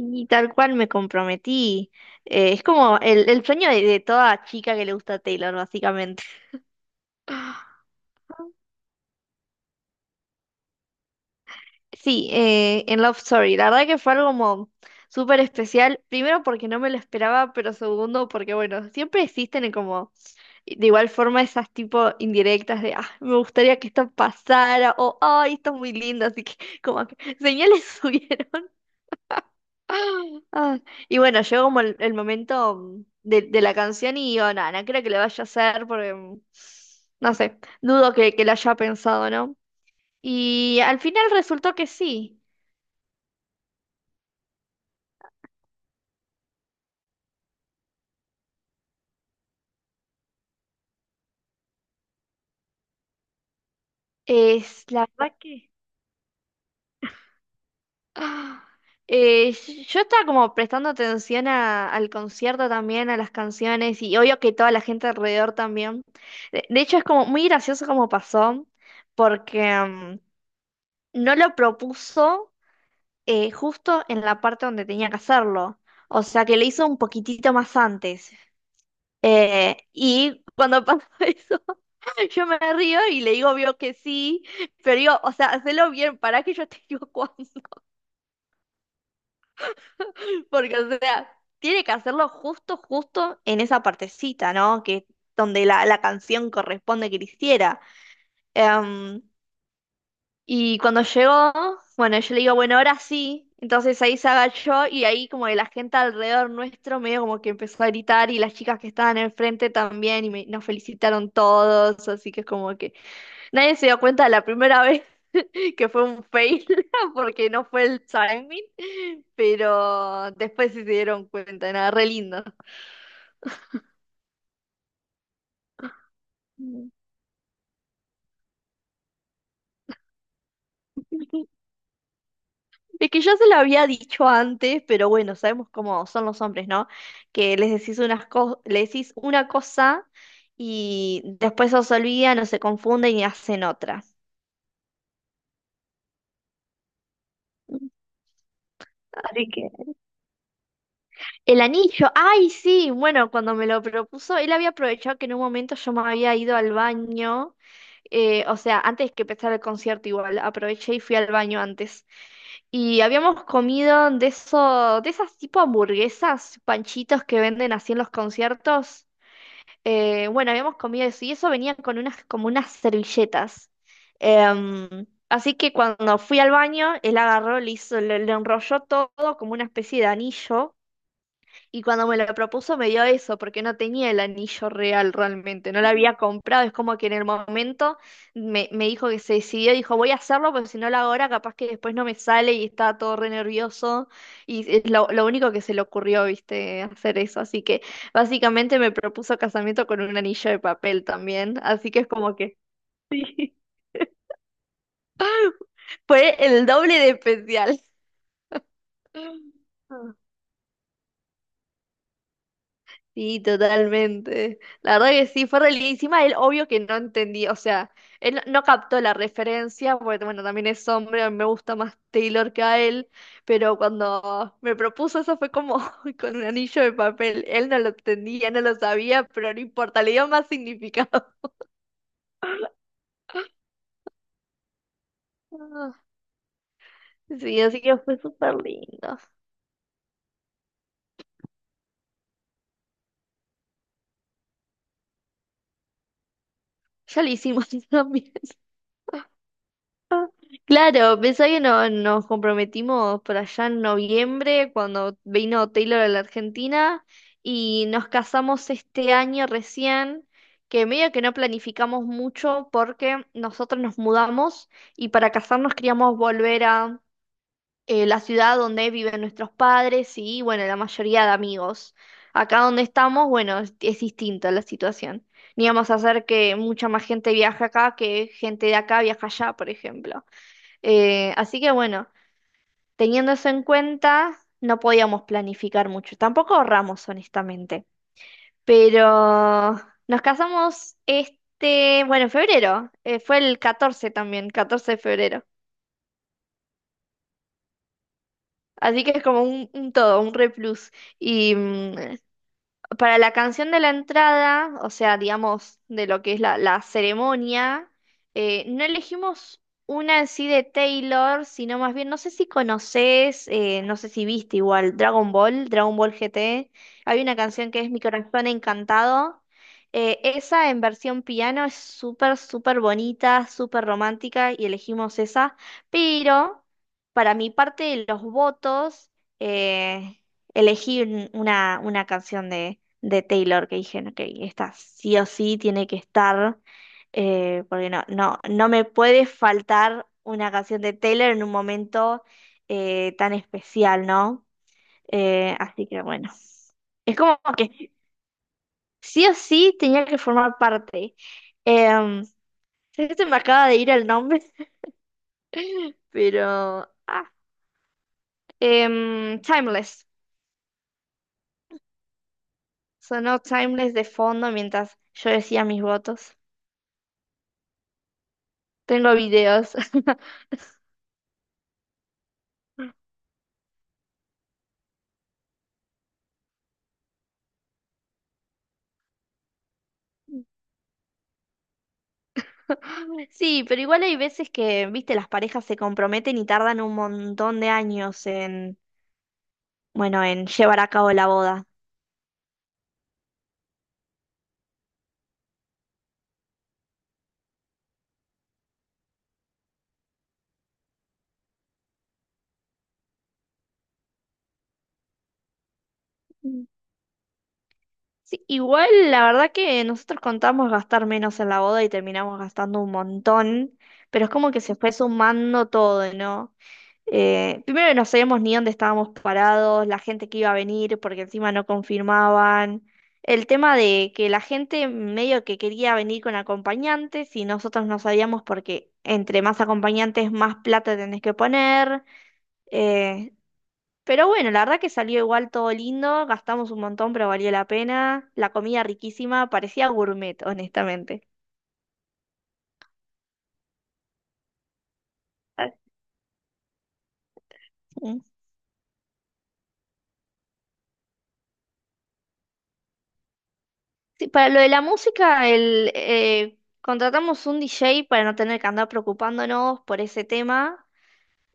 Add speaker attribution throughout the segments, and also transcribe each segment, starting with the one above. Speaker 1: Y tal cual me comprometí. Es como el sueño de toda chica que le gusta Taylor, básicamente. Sí, en Love Story. La verdad que fue algo como súper especial. Primero porque no me lo esperaba, pero segundo porque, bueno, siempre existen como de igual forma esas tipo indirectas de, ah, me gustaría que esto pasara o, ay, esto es muy lindo, así que como que señales subieron. Ah, y bueno, llegó como el momento de la canción y yo, nada, no creo que lo vaya a hacer porque, no sé, dudo que lo haya pensado, ¿no? Y al final resultó que sí. Es la verdad que... ah, eh, yo estaba como prestando atención al concierto también, a las canciones y obvio que toda la gente alrededor también. De hecho, es como muy gracioso como pasó porque no lo propuso, justo en la parte donde tenía que hacerlo. O sea que lo hizo un poquitito más antes. Y cuando pasa eso, yo me río y le digo, vio que sí, pero digo, o sea, hacelo bien, para que yo te digo cuándo. Porque, o sea, tiene que hacerlo justo, justo en esa partecita, ¿no? Que donde la canción corresponde que le hiciera. Em, Y cuando llegó, bueno, yo le digo, bueno, ahora sí. Entonces ahí se agachó y ahí como que la gente alrededor nuestro medio como que empezó a gritar y las chicas que estaban enfrente también y nos felicitaron todos, así que es como que nadie se dio cuenta de la primera vez que fue un fail porque no fue el timing, pero después sí se dieron cuenta, nada, re lindo. Mm. Es que yo se lo había dicho antes, pero bueno, sabemos cómo son los hombres, ¿no? Que les decís unas le decís una cosa y después os olvidan o se confunden y hacen otra. Así que... El anillo, ay, sí, bueno, cuando me lo propuso, él había aprovechado que en un momento yo me había ido al baño, o sea, antes que empezara el concierto igual, aproveché y fui al baño antes. Y habíamos comido de eso, de esas tipo hamburguesas, panchitos que venden así en los conciertos. Bueno, habíamos comido eso y eso venía con unas, como unas servilletas. Em, así que cuando fui al baño, él agarró, le hizo, le enrolló todo como una especie de anillo y cuando me lo propuso me dio eso, porque no tenía el anillo real realmente, no lo había comprado, es como que en el momento me dijo que se decidió, dijo voy a hacerlo, porque si no lo hago ahora capaz que después no me sale y estaba todo re nervioso y es lo único que se le ocurrió, viste, hacer eso, así que básicamente me propuso casamiento con un anillo de papel también, así que es como que sí, fue el doble de especial. Sí, totalmente. La verdad que sí, fue re lindo. Y encima él, obvio que no entendía, o sea, él no captó la referencia, porque bueno, también es hombre, a mí me gusta más Taylor que a él, pero cuando me propuso eso fue como con un anillo de papel. Él no lo entendía, no lo sabía, pero no importa, le dio más significado. Ah, Sí, así que fue súper lindo. Ya lo hicimos también. Claro, pensá que nos comprometimos por allá en noviembre cuando vino Taylor a la Argentina y nos casamos este año recién, que medio que no planificamos mucho porque nosotros nos mudamos y para casarnos queríamos volver a la ciudad donde viven nuestros padres y bueno, la mayoría de amigos. Acá donde estamos, bueno, es distinta la situación. Ni vamos a hacer que mucha más gente viaje acá que gente de acá viaja allá, por ejemplo. Así que bueno, teniendo eso en cuenta, no podíamos planificar mucho. Tampoco ahorramos, honestamente. Pero nos casamos este, bueno, en febrero. Fue el 14 también, 14 de febrero. Así que es como un todo, un replus. Y para la canción de la entrada, o sea, digamos, de lo que es la ceremonia, no elegimos una en sí de Taylor, sino más bien, no sé si conoces, no sé si viste igual, Dragon Ball, Dragon Ball GT. Hay una canción que es Mi corazón encantado. Esa en versión piano es súper, súper bonita, súper romántica y elegimos esa. Pero para mi parte de los votos, eh, elegí una canción de Taylor, que dije, ok, esta sí o sí tiene que estar, porque no me puede faltar una canción de Taylor en un momento tan especial, ¿no? Así que bueno, es como que sí o sí tenía que formar parte. Em, sé que se me acaba de ir el nombre, pero... Timeless. Sonó Timeless de fondo mientras yo decía mis votos. Tengo videos. Sí, pero igual hay veces que, viste, las parejas se comprometen y tardan un montón de años en, bueno, en llevar a cabo la boda. Mm. Sí, igual la verdad que nosotros contamos gastar menos en la boda y terminamos gastando un montón, pero es como que se fue sumando todo, ¿no? Primero no sabíamos ni dónde estábamos parados, la gente que iba a venir, porque encima no confirmaban. El tema de que la gente medio que quería venir con acompañantes y nosotros no sabíamos porque entre más acompañantes más plata tenés que poner. Eh, pero bueno, la verdad que salió igual todo lindo, gastamos un montón, pero valió la pena. La comida riquísima, parecía gourmet, honestamente. Ah. Sí, para lo de la música, contratamos un DJ para no tener que andar preocupándonos por ese tema.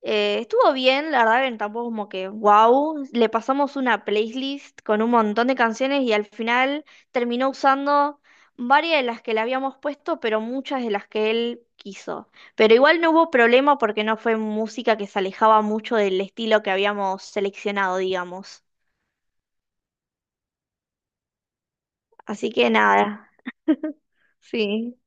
Speaker 1: Estuvo bien, la verdad que tampoco como que wow. Le pasamos una playlist con un montón de canciones y al final terminó usando varias de las que le habíamos puesto, pero muchas de las que él quiso. Pero igual no hubo problema porque no fue música que se alejaba mucho del estilo que habíamos seleccionado, digamos. Así que nada, sí.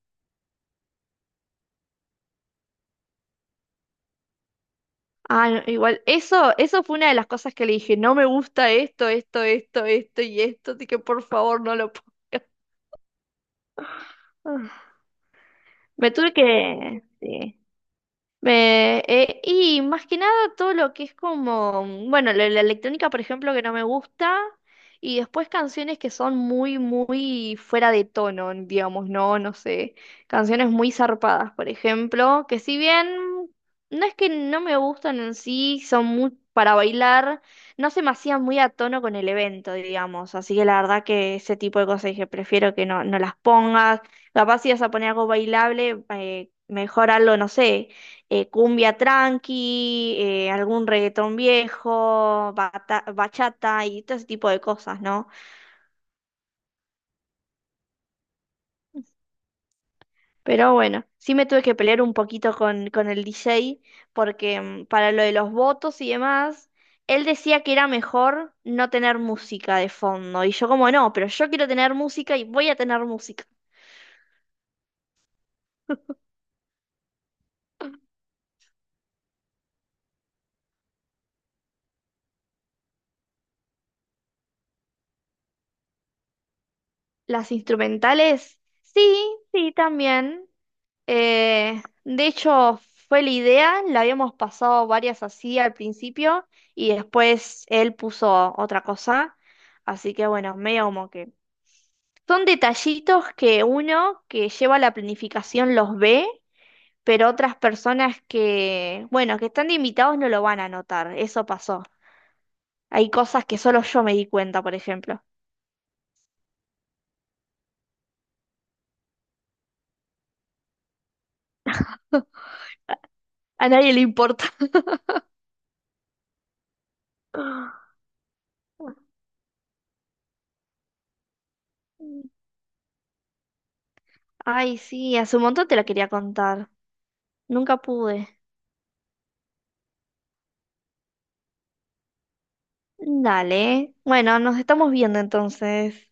Speaker 1: No, igual, eso fue una de las cosas que le dije, no me gusta esto, esto, esto, esto y esto, así que por favor no lo pongas. Me tuve que... sí. Y más que nada todo lo que es como, bueno, la electrónica, por ejemplo, que no me gusta, y después canciones que son muy, muy fuera de tono, digamos, no, no sé, canciones muy zarpadas, por ejemplo, que si bien no es que no me gustan en sí, son muy para bailar, no se me hacían muy a tono con el evento, digamos, así que la verdad que ese tipo de cosas dije, prefiero que no, no las pongas, capaz si vas a poner algo bailable, mejor algo, no sé cumbia tranqui, algún reggaetón viejo, bachata y todo ese tipo de cosas, ¿no? Pero bueno, sí me tuve que pelear un poquito con el DJ porque para lo de los votos y demás, él decía que era mejor no tener música de fondo. Y yo como no, pero yo quiero tener música y voy a tener música. Las instrumentales, sí, sí, también. De hecho, fue la idea, la habíamos pasado varias así al principio y después él puso otra cosa, así que bueno, medio como que... Son detallitos que uno que lleva la planificación los ve, pero otras personas que, bueno, que están de invitados no lo van a notar, eso pasó. Hay cosas que solo yo me di cuenta, por ejemplo. A nadie le importa. Ay, sí, hace un montón te lo quería contar. Nunca pude. Dale. Bueno, nos estamos viendo entonces.